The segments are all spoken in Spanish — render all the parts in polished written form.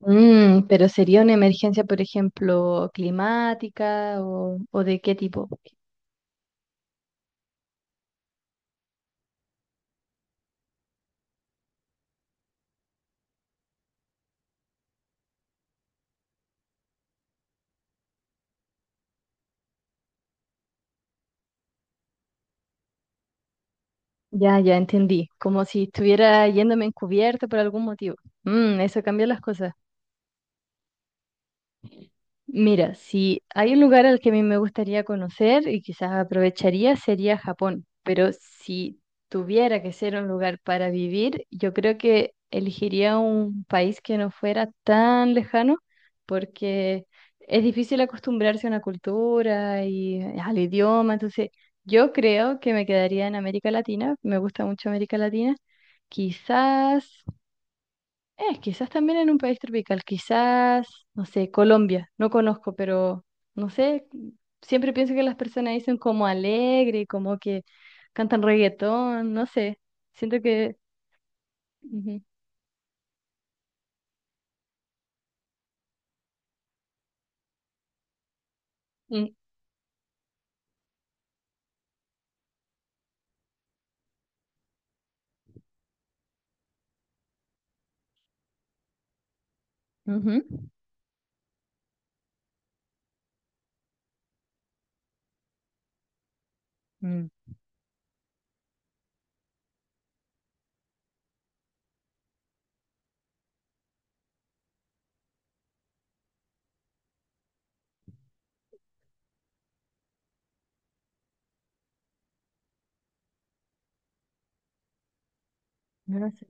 Pero sería una emergencia, por ejemplo, climática o de qué tipo. Ya entendí. Como si estuviera yéndome encubierto por algún motivo. Mm, eso cambia las cosas. Mira, si hay un lugar al que a mí me gustaría conocer y quizás aprovecharía sería Japón, pero si tuviera que ser un lugar para vivir, yo creo que elegiría un país que no fuera tan lejano porque es difícil acostumbrarse a una cultura y al idioma, entonces yo creo que me quedaría en América Latina, me gusta mucho América Latina, quizás quizás también en un país tropical, quizás, no sé, Colombia, no conozco, pero no sé, siempre pienso que las personas dicen como alegre, como que cantan reggaetón, no sé, siento que ujú, mm, ujú. Mm, no sé.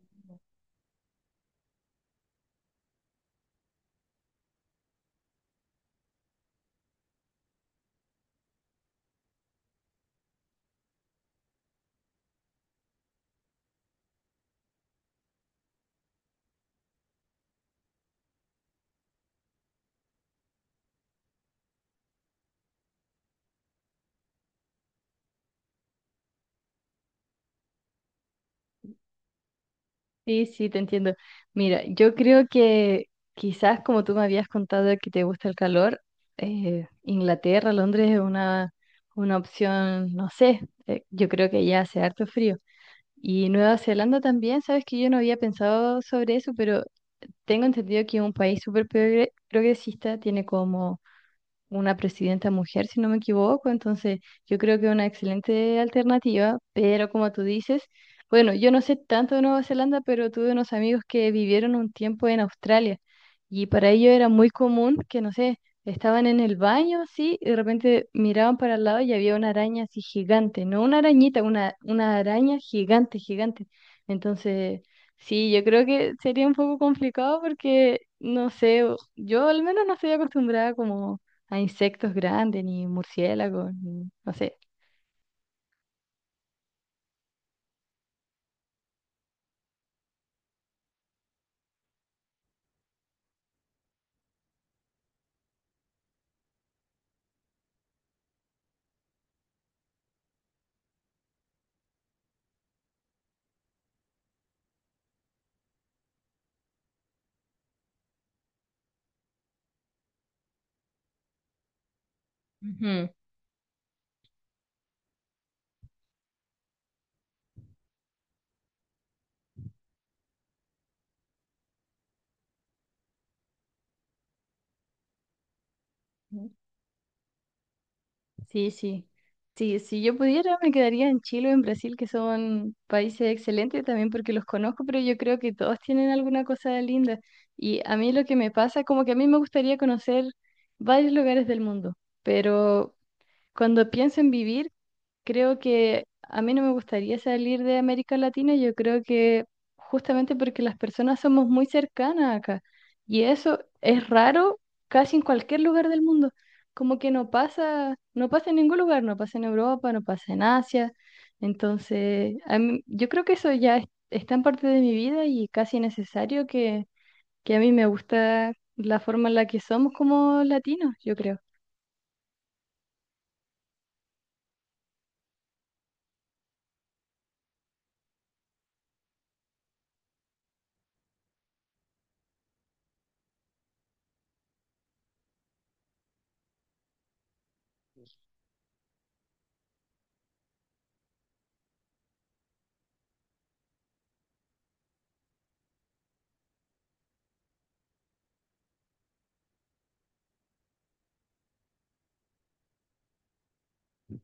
Sí, sí, te entiendo. Mira, yo creo que quizás como tú me habías contado que te gusta el calor, Inglaterra, Londres es una opción, no sé, yo creo que ya hace harto frío. Y Nueva Zelanda también, sabes que yo no había pensado sobre eso, pero tengo entendido que es un país progresista, tiene como una presidenta mujer, si no me equivoco, entonces yo creo que es una excelente alternativa, pero como tú dices, bueno, yo no sé tanto de Nueva Zelanda, pero tuve unos amigos que vivieron un tiempo en Australia y para ellos era muy común que, no sé, estaban en el baño, sí, y de repente miraban para el lado y había una araña así gigante, no una arañita, una araña gigante, gigante. Entonces sí, yo creo que sería un poco complicado porque, no sé, yo al menos no estoy acostumbrada como a insectos grandes, ni murciélagos, ni, no sé. Ujú. Ujú. Sí, sí. Sí, si yo pudiera, me quedaría en Chile o en Brasil, que son países excelentes también porque los conozco, pero yo creo que todos tienen alguna cosa linda. Y a mí lo que me pasa, como que a mí me gustaría conocer varios lugares del mundo, pero cuando pienso en vivir, creo que a mí no me gustaría salir de América Latina, yo creo que justamente porque las personas somos muy cercanas acá y eso es raro casi en cualquier lugar del mundo, como que no pasa, no pasa en ningún lugar, no pasa en Europa, no pasa en Asia, entonces a mí, yo creo que eso ya es tan parte de mi vida y casi necesario que a mí me gusta la forma en la que somos como latinos, yo creo.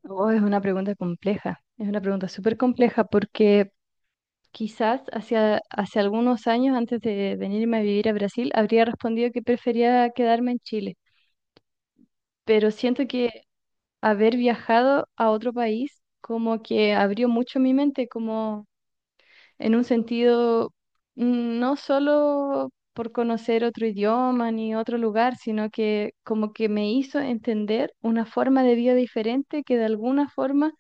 Oh, es una pregunta compleja, es una pregunta súper compleja porque quizás hacia, hace algunos años, antes de venirme a vivir a Brasil, habría respondido que prefería quedarme en Chile, pero siento que haber viajado a otro país como que abrió mucho mi mente, como en un sentido mm, no solo por conocer otro idioma ni otro lugar, sino que como que me hizo entender una forma de vida diferente que de alguna forma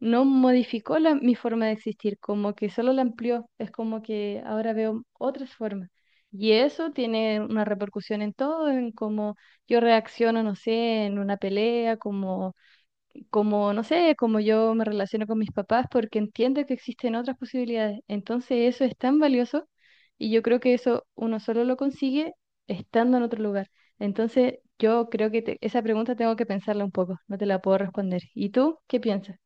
no modificó la- mi forma de existir, como que solo la amplió, es como que ahora veo otras formas. Y eso tiene una repercusión en todo, en cómo yo reacciono, no sé, en una pelea, no sé, como yo me relaciono con mis papás, porque entiendo que existen otras posibilidades. Entonces eso es tan valioso y yo creo que eso uno solo lo consigue estando en otro lugar. Entonces yo creo que esa pregunta tengo que pensarla un poco, no te la puedo responder. ¿Y tú qué piensas?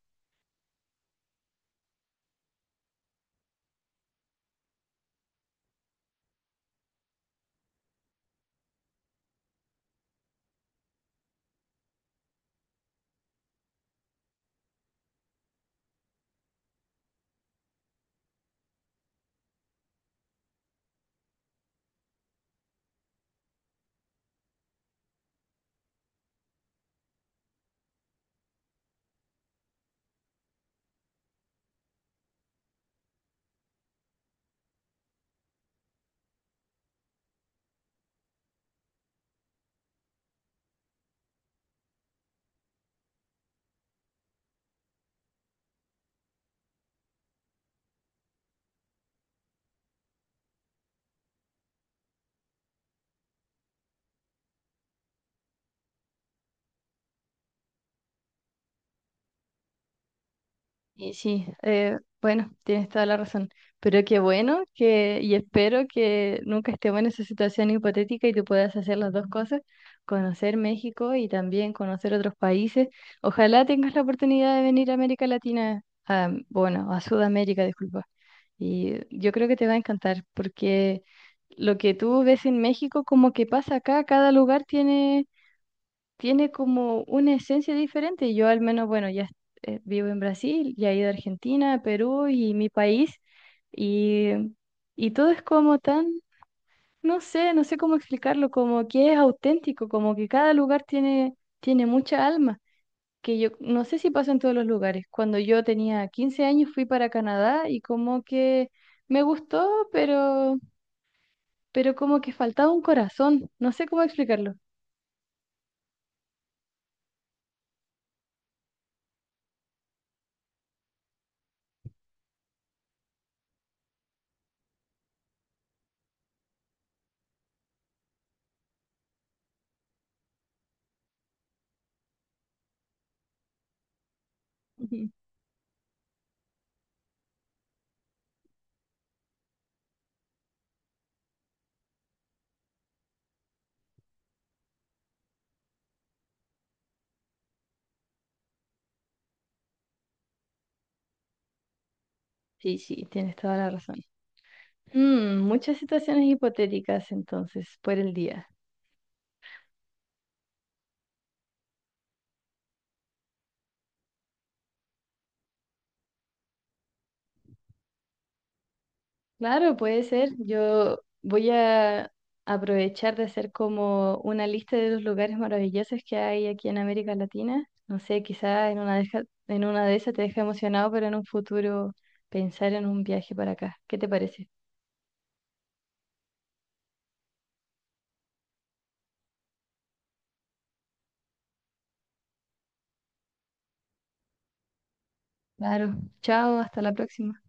Y sí, bueno, tienes toda la razón. Pero qué bueno que, y espero que nunca estemos en esa situación hipotética y tú puedas hacer las dos cosas, conocer México y también conocer otros países. Ojalá tengas la oportunidad de venir a América Latina, a, bueno, a Sudamérica, disculpa. Y yo creo que te va a encantar porque lo que tú ves en México, como que pasa acá, cada lugar tiene como una esencia diferente. Yo al menos, bueno, ya vivo en Brasil, ya he ido a Argentina, Perú y mi país, y, y todo es como tan, no sé, no sé cómo explicarlo, como que es auténtico, como que cada lugar tiene, tiene mucha alma, que yo no sé si pasa en todos los lugares. Cuando yo tenía 15 años fui para Canadá y como que me gustó, pero como que faltaba un corazón, no sé cómo explicarlo. Ujú. Sí, sí, tienes toda la razón. Mm, muchas situaciones hipotéticas entonces por el día. Claro, puede ser. Yo voy a aprovechar de hacer como una lista de los lugares maravillosos que hay aquí en América Latina. No sé, quizá en en una de esas te deja emocionado, pero en un futuro pensar en un viaje para acá. ¿Qué te parece? Claro. Chao, hasta la próxima.